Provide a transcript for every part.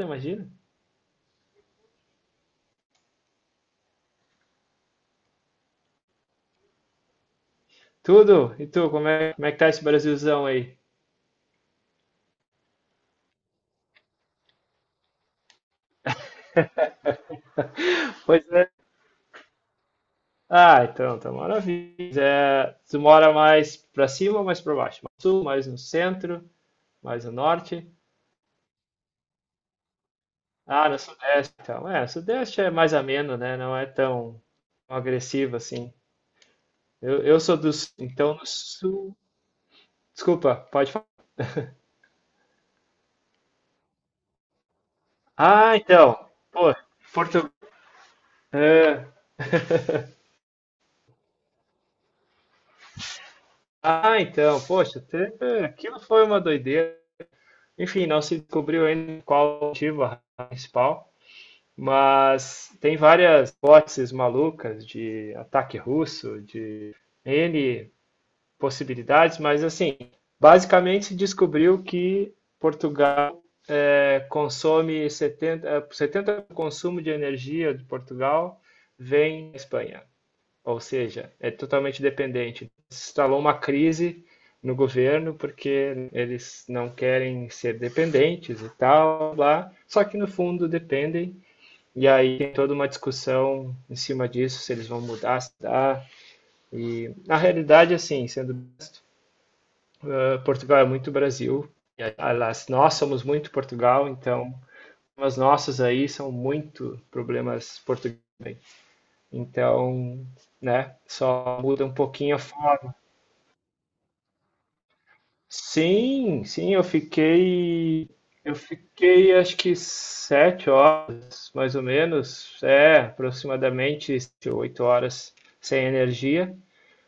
Imagina. Tudo. E tu, como é que tá esse Brasilzão aí? Pois é. Ah, então, tá maravilha. É, tu mora mais pra cima ou mais pra baixo? Mais no sul, mais no centro, mais no norte? Ah, no sudeste, então. É, o sudeste é mais ameno, né? Não é tão agressivo assim. Eu sou do sul, então no sul. Desculpa, pode falar. Ah, então. Pô, Portugal. Ah, então, poxa, aquilo foi uma doideira. Enfim, não se descobriu ainda qual o motivo, a razão principal, mas tem várias hipóteses malucas, de ataque russo, de N possibilidades, mas assim, basicamente se descobriu que Portugal consome 70, 70% do consumo de energia de Portugal vem da Espanha. Ou seja, é totalmente dependente. Se instalou uma crise no governo porque eles não querem ser dependentes e tal, lá, só que no fundo dependem. E aí tem toda uma discussão em cima disso, se eles vão mudar, se dá. E na realidade, assim, sendo Portugal é muito Brasil, e, aliás, nós somos muito Portugal, então os nossos aí são muito problemas portugueses. Então, né, só muda um pouquinho a... Sim, sim, eu fiquei. Eu fiquei acho que 7 horas, mais ou menos. É, aproximadamente 8 horas sem energia.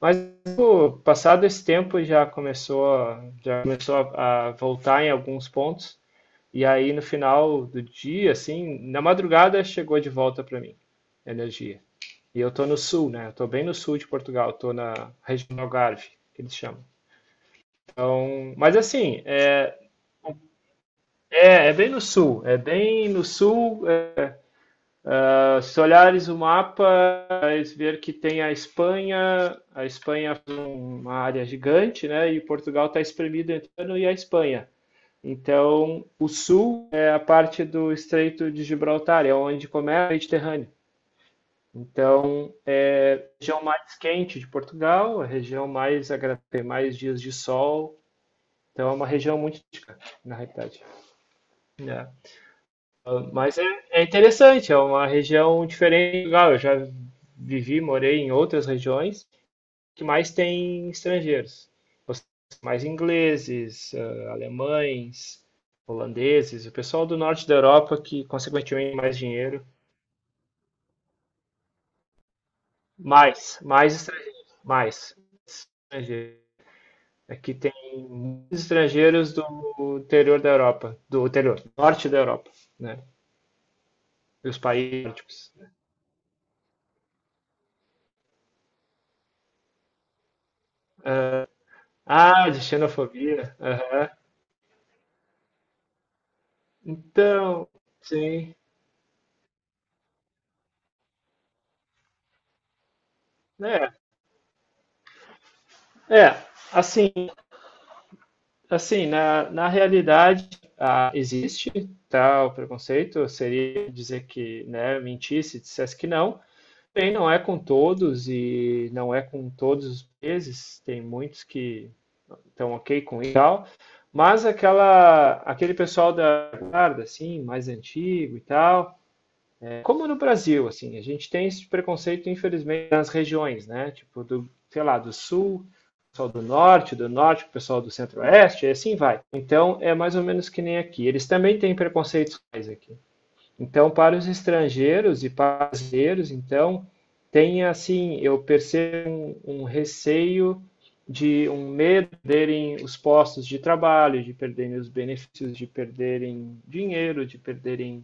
Mas pô, passado esse tempo já começou a voltar em alguns pontos. E aí no final do dia, assim, na madrugada chegou de volta para mim a energia. E eu tô no sul, né? Eu tô bem no sul de Portugal, tô na região do Algarve, que eles chamam. Mas assim, é, bem no sul, é bem no sul. Se olhares o mapa, vais ver que tem a Espanha. A Espanha é uma área gigante, né? E Portugal está espremido entre o Líbano e a Espanha. Então, o sul é a parte do Estreito de Gibraltar, é onde começa o Mediterrâneo. Então, é a região mais quente de Portugal, a região mais agradável, tem mais dias de sol. Então, é uma região muito, na realidade, né? Ah, mas é interessante, é uma região diferente. Legal, eu já vivi, morei em outras regiões que mais tem estrangeiros. Os- Mais ingleses, alemães, holandeses, o pessoal do norte da Europa que, consequentemente, tem mais dinheiro. Mais, mais estrangeiros, mais estrangeiros. Aqui tem muitos estrangeiros do interior da Europa, do interior, norte da Europa, né? Dos países nórdicos. Ah, de xenofobia. Aham. Então, sim, né? É, assim, na realidade, ah, existe tal preconceito. Seria dizer que, né, mentisse, dissesse que não. Bem, não é com todos e não é com todos os meses, tem muitos que estão ok com isso e tal, mas aquele pessoal da guarda, assim, mais antigo e tal, como no Brasil. Assim, a gente tem esse preconceito, infelizmente, nas regiões, né? Tipo, do, sei lá, do sul, o pessoal do norte, o pessoal do centro-oeste, e assim vai. Então, é mais ou menos que nem aqui. Eles também têm preconceitos aqui. Então, para os estrangeiros e para os brasileiros, então, tem assim, eu percebo um receio, de um medo de perderem os postos de trabalho, de perderem os benefícios, de perderem dinheiro, de perderem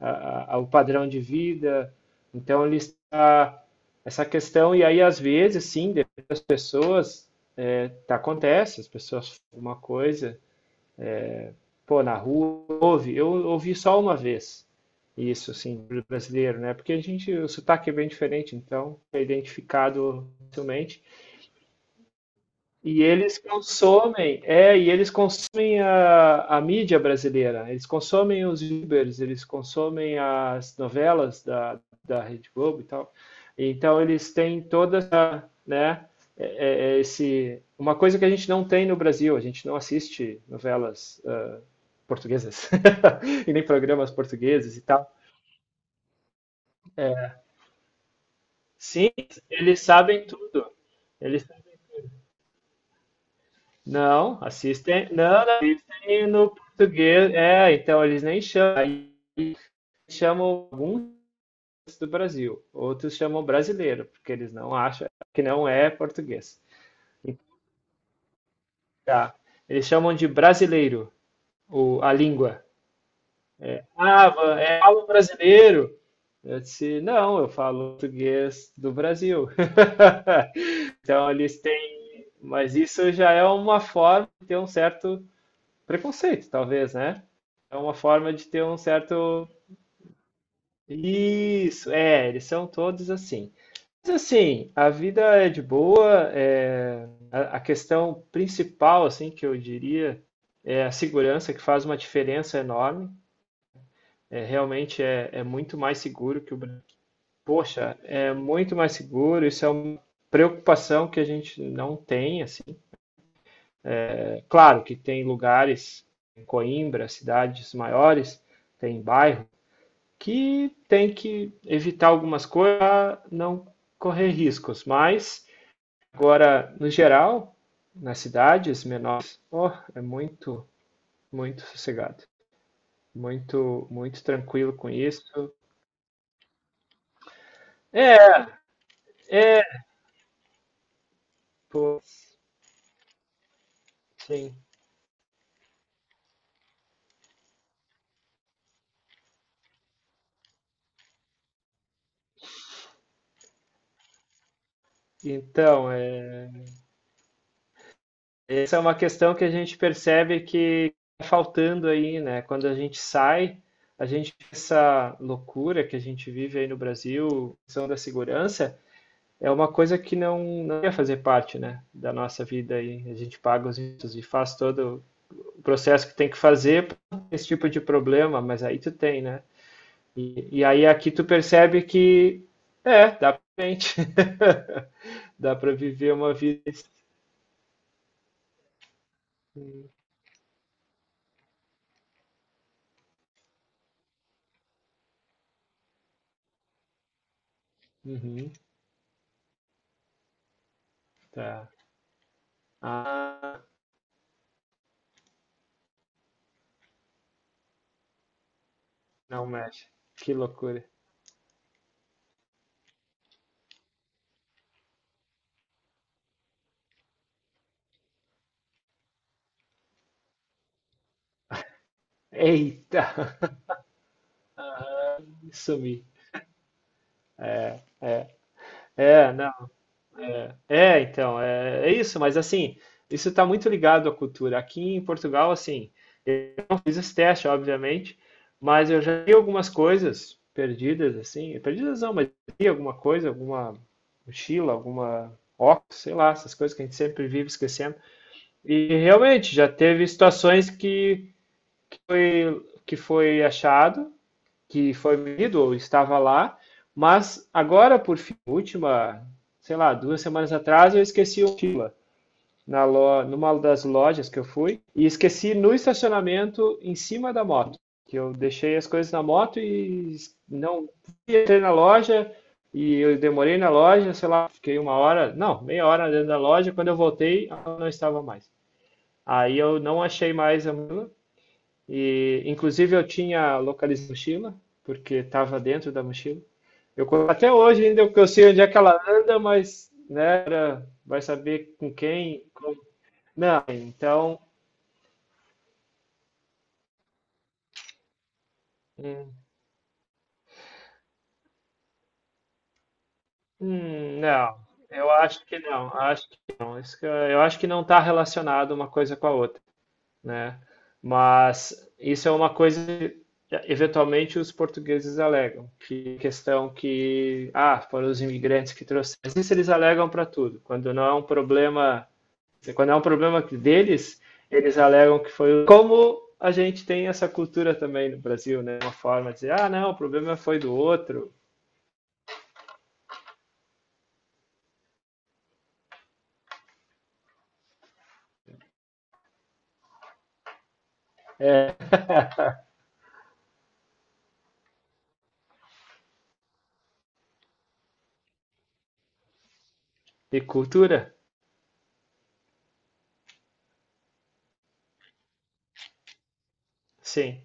a- ao padrão de vida. Então, ele está essa questão, e aí, às vezes, sim, depende das pessoas, é, tá, acontece, as pessoas falam uma coisa, pô, na rua, ouve. Eu ouvi só uma vez isso, assim, do brasileiro, né? Porque a gente, o sotaque é bem diferente, então é identificado facilmente. E eles consomem a mídia brasileira, eles consomem os youtubers, eles consomem as novelas da Rede Globo e tal. Então eles têm toda essa, né, uma coisa que a gente não tem no Brasil, a gente não assiste novelas portuguesas e nem programas portugueses e tal. É, sim, eles sabem tudo. Eles Não, assistem. Não, não, assistem no português. É, então eles nem chamam. Aí chamam alguns do Brasil, outros chamam brasileiro, porque eles não acham que não é português. Tá. Eles chamam de brasileiro a língua. Ah, é algo brasileiro. Eu disse, não, eu falo português do Brasil. Então eles têm, mas isso já é uma forma de ter um certo preconceito, talvez, né? É uma forma de ter um certo... Isso, é, eles são todos assim. Mas assim, a vida é de boa, é, a questão principal, assim, que eu diria, é a segurança, que faz uma diferença enorme. É, realmente é muito mais seguro que o Brasil. Poxa, é muito mais seguro, isso é uma preocupação que a gente não tem, assim. É claro que tem lugares em Coimbra, cidades maiores, tem bairros que tem que evitar algumas coisas para não correr riscos. Mas, agora, no geral, nas cidades menores, oh, é muito, muito sossegado. Muito, muito tranquilo com isso. É, é, pô, sim. Então, é, essa é uma questão que a gente percebe que tá faltando aí, né? Quando a gente sai, a gente... essa loucura que a gente vive aí no Brasil, questão da segurança, é uma coisa que não ia fazer parte, né, da nossa vida aí. A gente paga os impostos e faz todo o processo que tem que fazer pra esse tipo de problema, mas aí tu tem, né? E aí aqui tu percebe que é, dá pra gente. Dá pra viver uma vida. Uhum, tá. Ah, não mexe. Que loucura. Eita! Ah, sumi. É, é. É, não. É, é, então, é, é isso, mas assim, isso está muito ligado à cultura. Aqui em Portugal, assim, não fiz esse teste, obviamente, mas eu já vi algumas coisas perdidas, assim, perdidas não, mas vi alguma coisa, alguma mochila, alguma óculos, sei lá, essas coisas que a gente sempre vive esquecendo. E realmente já teve situações que foi achado, que foi medido ou estava lá, mas agora, por fim, última, sei lá, 2 semanas atrás, eu esqueci o mochila numa das lojas que eu fui e esqueci no estacionamento em cima da moto. Que eu deixei as coisas na moto e não entrei na loja, e eu demorei na loja, sei lá, fiquei 1 hora, não, meia hora dentro da loja. Quando eu voltei, ela não estava mais. Aí eu não achei mais a mochila, e inclusive eu tinha localizado a mochila porque estava dentro da mochila. Eu até hoje ainda eu sei onde é que ela anda, mas né, vai saber com quem, como. Então... hum, não, eu acho que não, acho que não. Isso que eu acho que não está relacionado uma coisa com a outra, né? Mas isso é uma coisa que eventualmente os portugueses alegam, que questão que, ah, foram os imigrantes que trouxeram. Isso eles alegam para tudo. Quando não é um problema, quando é um problema deles, eles alegam que foi como a gente tem essa cultura também no Brasil, né? Uma forma de dizer, ah, não, o problema foi do outro. E cultura? Sim.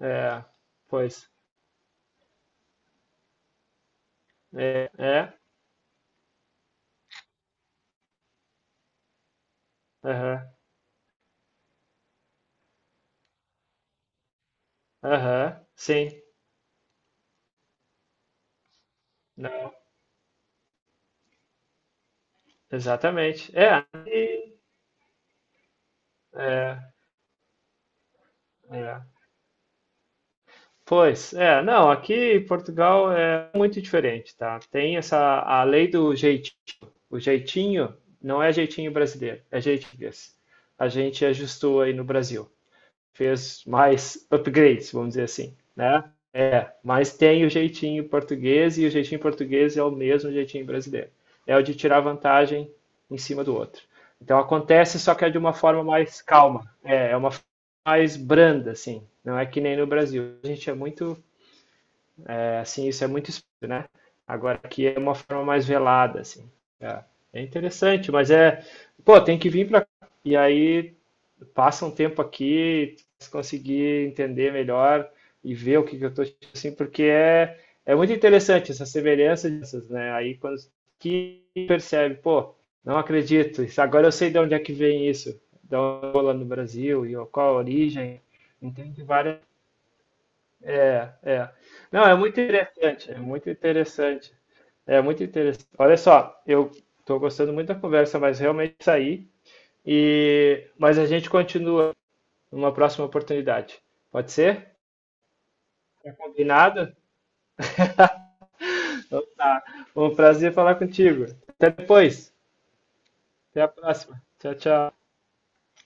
É, pois. É, é, aham, aham, sim, não, exatamente. É, é, é. Pois, é, não, aqui em Portugal é muito diferente, tá? Tem essa, a lei do jeitinho. O jeitinho não é jeitinho brasileiro, é jeitinho português. A gente ajustou aí no Brasil, fez mais upgrades, vamos dizer assim, né? É, mas tem o jeitinho português, e o jeitinho português é o mesmo jeitinho brasileiro. É o de tirar vantagem em cima do outro. Então acontece, só que é de uma forma mais calma. É uma forma mais branda, assim. Não é que nem no Brasil. A gente é muito, é, assim, isso é muito explícito, né? Agora aqui é uma forma mais velada, assim. É, é interessante, mas é, pô, tem que vir para cá, e aí passa um tempo aqui, se conseguir entender melhor e ver o que, que eu estou assim, porque é muito interessante essa semelhança dessas, né? Aí quando que percebe, pô, não acredito, agora eu sei de onde é que vem isso, da bola no Brasil e qual a origem, entende várias. É, é. Não, é muito interessante, é muito interessante. É muito interessante. Olha só, eu estou gostando muito da conversa, mas realmente saí. E mas a gente continua numa próxima oportunidade. Pode ser? Tá combinado? Então tá. Foi um prazer falar contigo. Até depois. Até a próxima. Tchau, tchau.